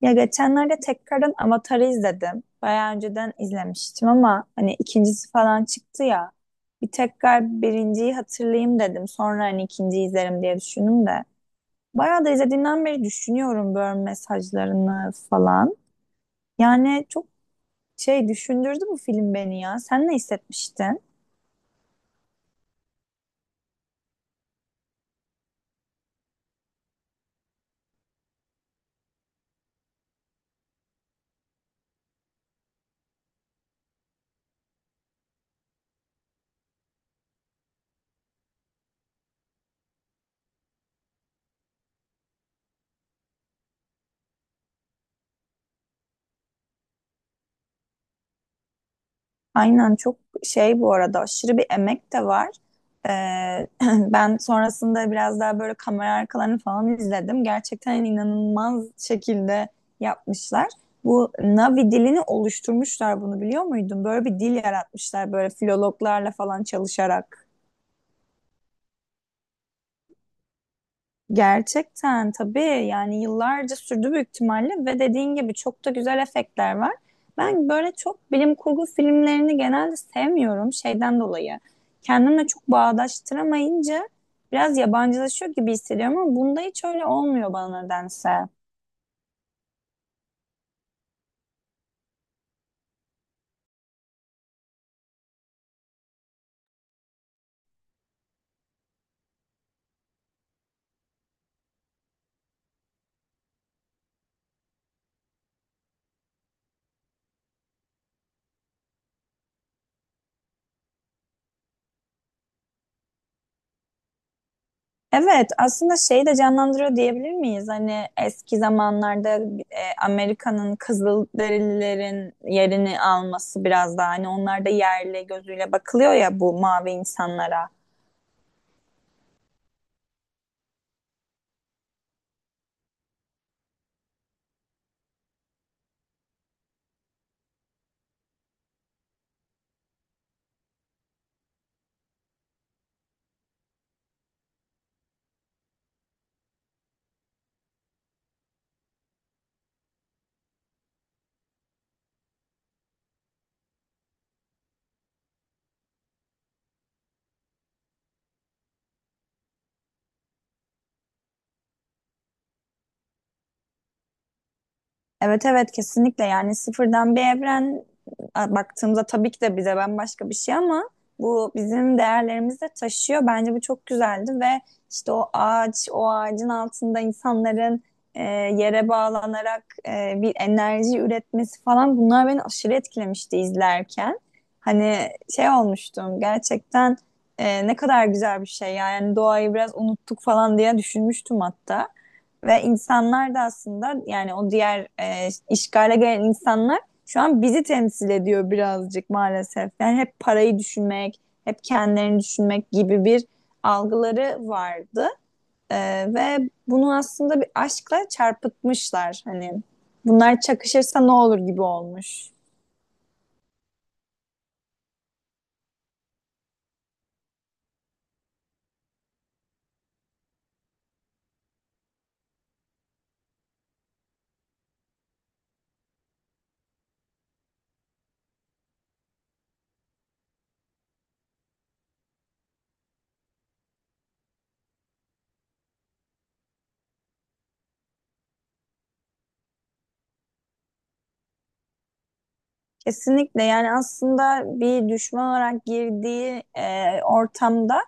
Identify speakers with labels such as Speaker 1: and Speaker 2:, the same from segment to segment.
Speaker 1: Ya geçenlerde tekrardan Avatar'ı izledim. Bayağı önceden izlemiştim ama hani ikincisi falan çıktı ya. Bir tekrar birinciyi hatırlayayım dedim. Sonra hani ikinciyi izlerim diye düşündüm de. Bayağı da izlediğimden beri düşünüyorum böyle mesajlarını falan. Yani çok şey düşündürdü bu film beni ya. Sen ne hissetmiştin? Aynen, çok şey, bu arada aşırı bir emek de var. Ee, ben sonrasında biraz daha böyle kamera arkalarını falan izledim. Gerçekten hani inanılmaz şekilde yapmışlar. Bu Navi dilini oluşturmuşlar, bunu biliyor muydun? Böyle bir dil yaratmışlar, böyle filologlarla falan çalışarak. Gerçekten tabii, yani yıllarca sürdü büyük ihtimalle ve dediğin gibi çok da güzel efektler var. Ben böyle çok bilim kurgu filmlerini genelde sevmiyorum şeyden dolayı. Kendimle çok bağdaştıramayınca biraz yabancılaşıyor gibi hissediyorum ama bunda hiç öyle olmuyor bana nedense. Evet, aslında şeyi de canlandırıyor diyebilir miyiz? Hani eski zamanlarda Amerika'nın Kızılderililerin yerini alması, biraz daha hani onlar da yerli gözüyle bakılıyor ya bu mavi insanlara. Evet, evet, kesinlikle. Yani sıfırdan bir evren, baktığımızda tabii ki de bize bambaşka bir şey ama bu bizim değerlerimizi de taşıyor. Bence bu çok güzeldi ve işte o ağaç, o ağacın altında insanların yere bağlanarak bir enerji üretmesi falan, bunlar beni aşırı etkilemişti izlerken. Hani şey olmuştum gerçekten, ne kadar güzel bir şey ya. Yani doğayı biraz unuttuk falan diye düşünmüştüm hatta. Ve insanlar da aslında, yani o diğer işgale gelen insanlar şu an bizi temsil ediyor birazcık maalesef. Yani hep parayı düşünmek, hep kendilerini düşünmek gibi bir algıları vardı. E, Ve bunu aslında bir aşkla çarpıtmışlar. Hani bunlar çakışırsa ne olur gibi olmuş. Kesinlikle. Yani aslında bir düşman olarak girdiği ortamda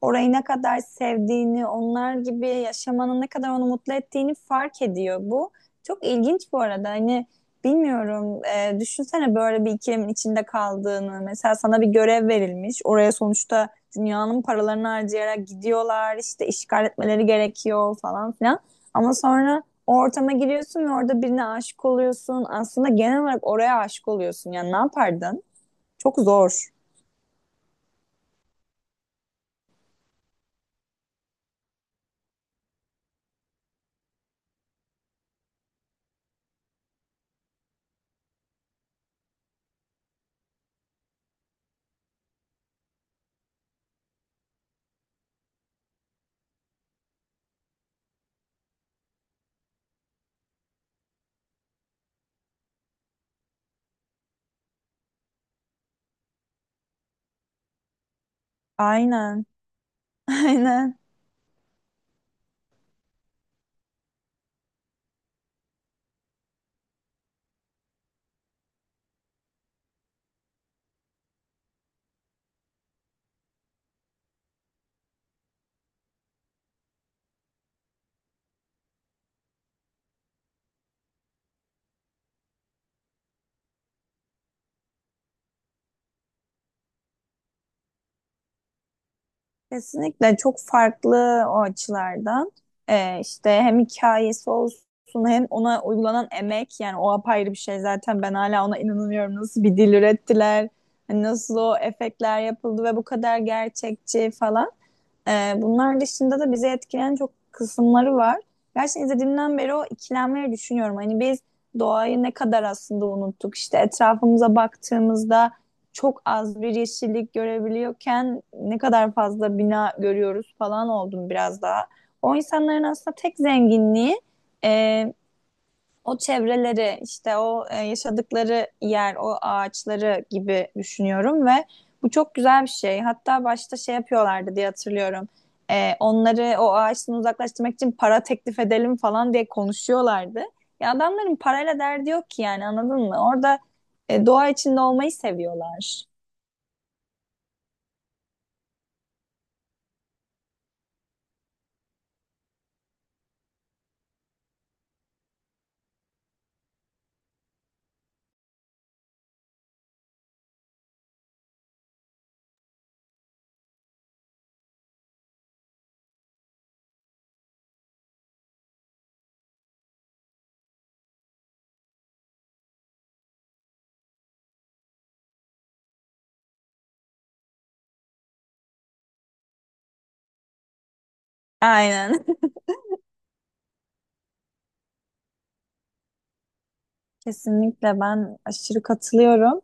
Speaker 1: orayı ne kadar sevdiğini, onlar gibi yaşamanın ne kadar onu mutlu ettiğini fark ediyor. Bu çok ilginç bu arada. Hani bilmiyorum, düşünsene böyle bir ikilemin içinde kaldığını. Mesela sana bir görev verilmiş. Oraya sonuçta dünyanın paralarını harcayarak gidiyorlar. İşte işgal etmeleri gerekiyor falan filan. Ama sonra o ortama giriyorsun ve orada birine aşık oluyorsun. Aslında genel olarak oraya aşık oluyorsun. Yani ne yapardın? Çok zor. Aynen. Aynen. Kesinlikle çok farklı o açılardan. İşte hem hikayesi olsun, hem ona uygulanan emek, yani o apayrı bir şey. Zaten ben hala ona inanamıyorum. Nasıl bir dil ürettiler, hani nasıl o efektler yapıldı ve bu kadar gerçekçi falan. Bunlar dışında da bizi etkileyen çok kısımları var. Gerçekten izlediğimden beri o ikilemleri düşünüyorum. Hani biz doğayı ne kadar aslında unuttuk. İşte etrafımıza baktığımızda çok az bir yeşillik görebiliyorken ne kadar fazla bina görüyoruz falan oldum biraz daha. O insanların aslında tek zenginliği e, o çevreleri, işte o, yaşadıkları yer, o ağaçları gibi düşünüyorum ve bu çok güzel bir şey. Hatta başta şey yapıyorlardı diye hatırlıyorum. Onları o ağaçtan uzaklaştırmak için para teklif edelim falan diye konuşuyorlardı. Ya adamların parayla derdi yok ki, yani anladın mı? Orada doğa içinde olmayı seviyorlar. Aynen. Kesinlikle, ben aşırı katılıyorum.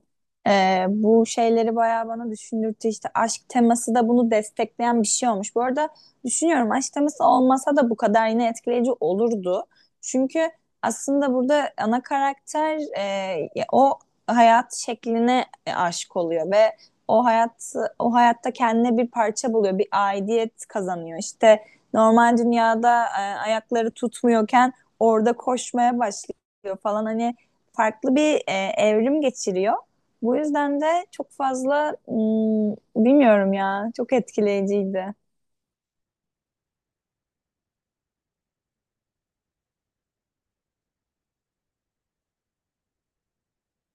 Speaker 1: Bu şeyleri bayağı bana düşündürttü. İşte aşk teması da bunu destekleyen bir şey olmuş. Bu arada düşünüyorum, aşk teması olmasa da bu kadar yine etkileyici olurdu. Çünkü aslında burada ana karakter, ya o hayat şekline aşık oluyor ve o hayat, o hayatta kendine bir parça buluyor, bir aidiyet kazanıyor. İşte normal dünyada ayakları tutmuyorken orada koşmaya başlıyor falan. Hani farklı bir evrim geçiriyor. Bu yüzden de çok fazla bilmiyorum ya, çok etkileyiciydi.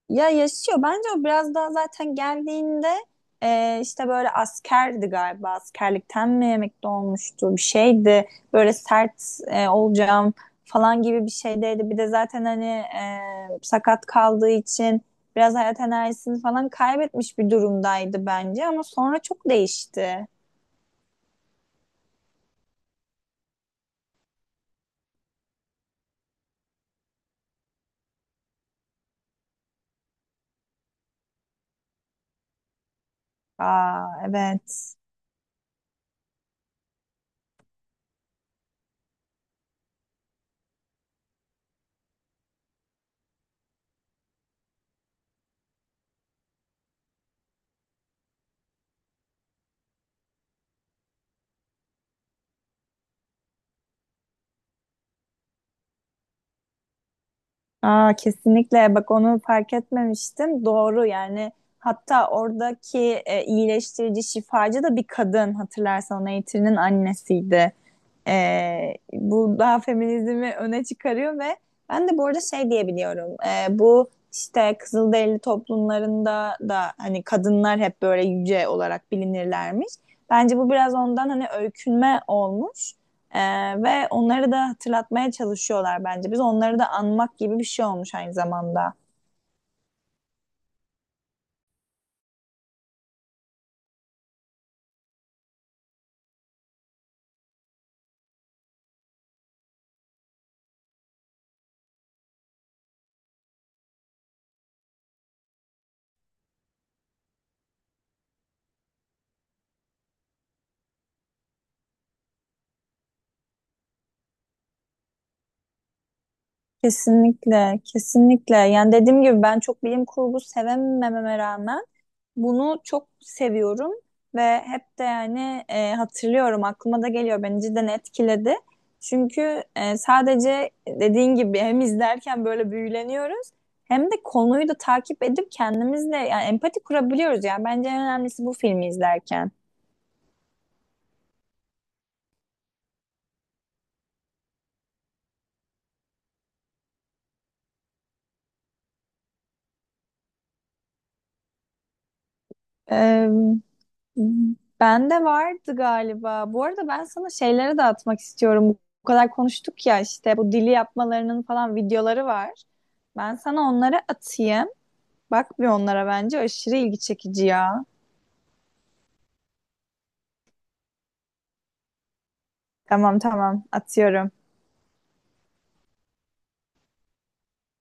Speaker 1: Ya yaşıyor bence. O biraz daha zaten geldiğinde, işte böyle askerdi galiba, askerlikten mi emekli olmuştu, bir şeydi. Böyle sert olacağım falan gibi bir şeydeydi. Bir de zaten hani sakat kaldığı için biraz hayat enerjisini falan kaybetmiş bir durumdaydı bence, ama sonra çok değişti. Aa, evet. Aa, kesinlikle, bak onu fark etmemiştim. Doğru. Yani hatta oradaki iyileştirici şifacı da bir kadın, hatırlarsan o Nature'nin annesiydi. Bu daha feminizmi öne çıkarıyor ve ben de bu arada şey diyebiliyorum. Bu işte Kızılderili toplumlarında da hani kadınlar hep böyle yüce olarak bilinirlermiş. Bence bu biraz ondan, hani öykünme olmuş. Ee, Ve onları da hatırlatmaya çalışıyorlar bence. Biz onları da anmak gibi bir şey olmuş aynı zamanda. Kesinlikle, kesinlikle. Yani dediğim gibi, ben çok bilim kurgu sevemememe rağmen bunu çok seviyorum ve hep de, yani hatırlıyorum, aklıma da geliyor, beni cidden etkiledi. Çünkü sadece dediğin gibi hem izlerken böyle büyüleniyoruz, hem de konuyu da takip edip kendimizle yani empati kurabiliyoruz. Yani bence en önemlisi bu, filmi izlerken. Ee, Bende vardı galiba. Bu arada ben sana şeyleri de atmak istiyorum. Bu kadar konuştuk ya, işte bu dili yapmalarının falan videoları var. Ben sana onları atayım. Bak bir onlara, bence aşırı ilgi çekici ya. Tamam, tamam, atıyorum.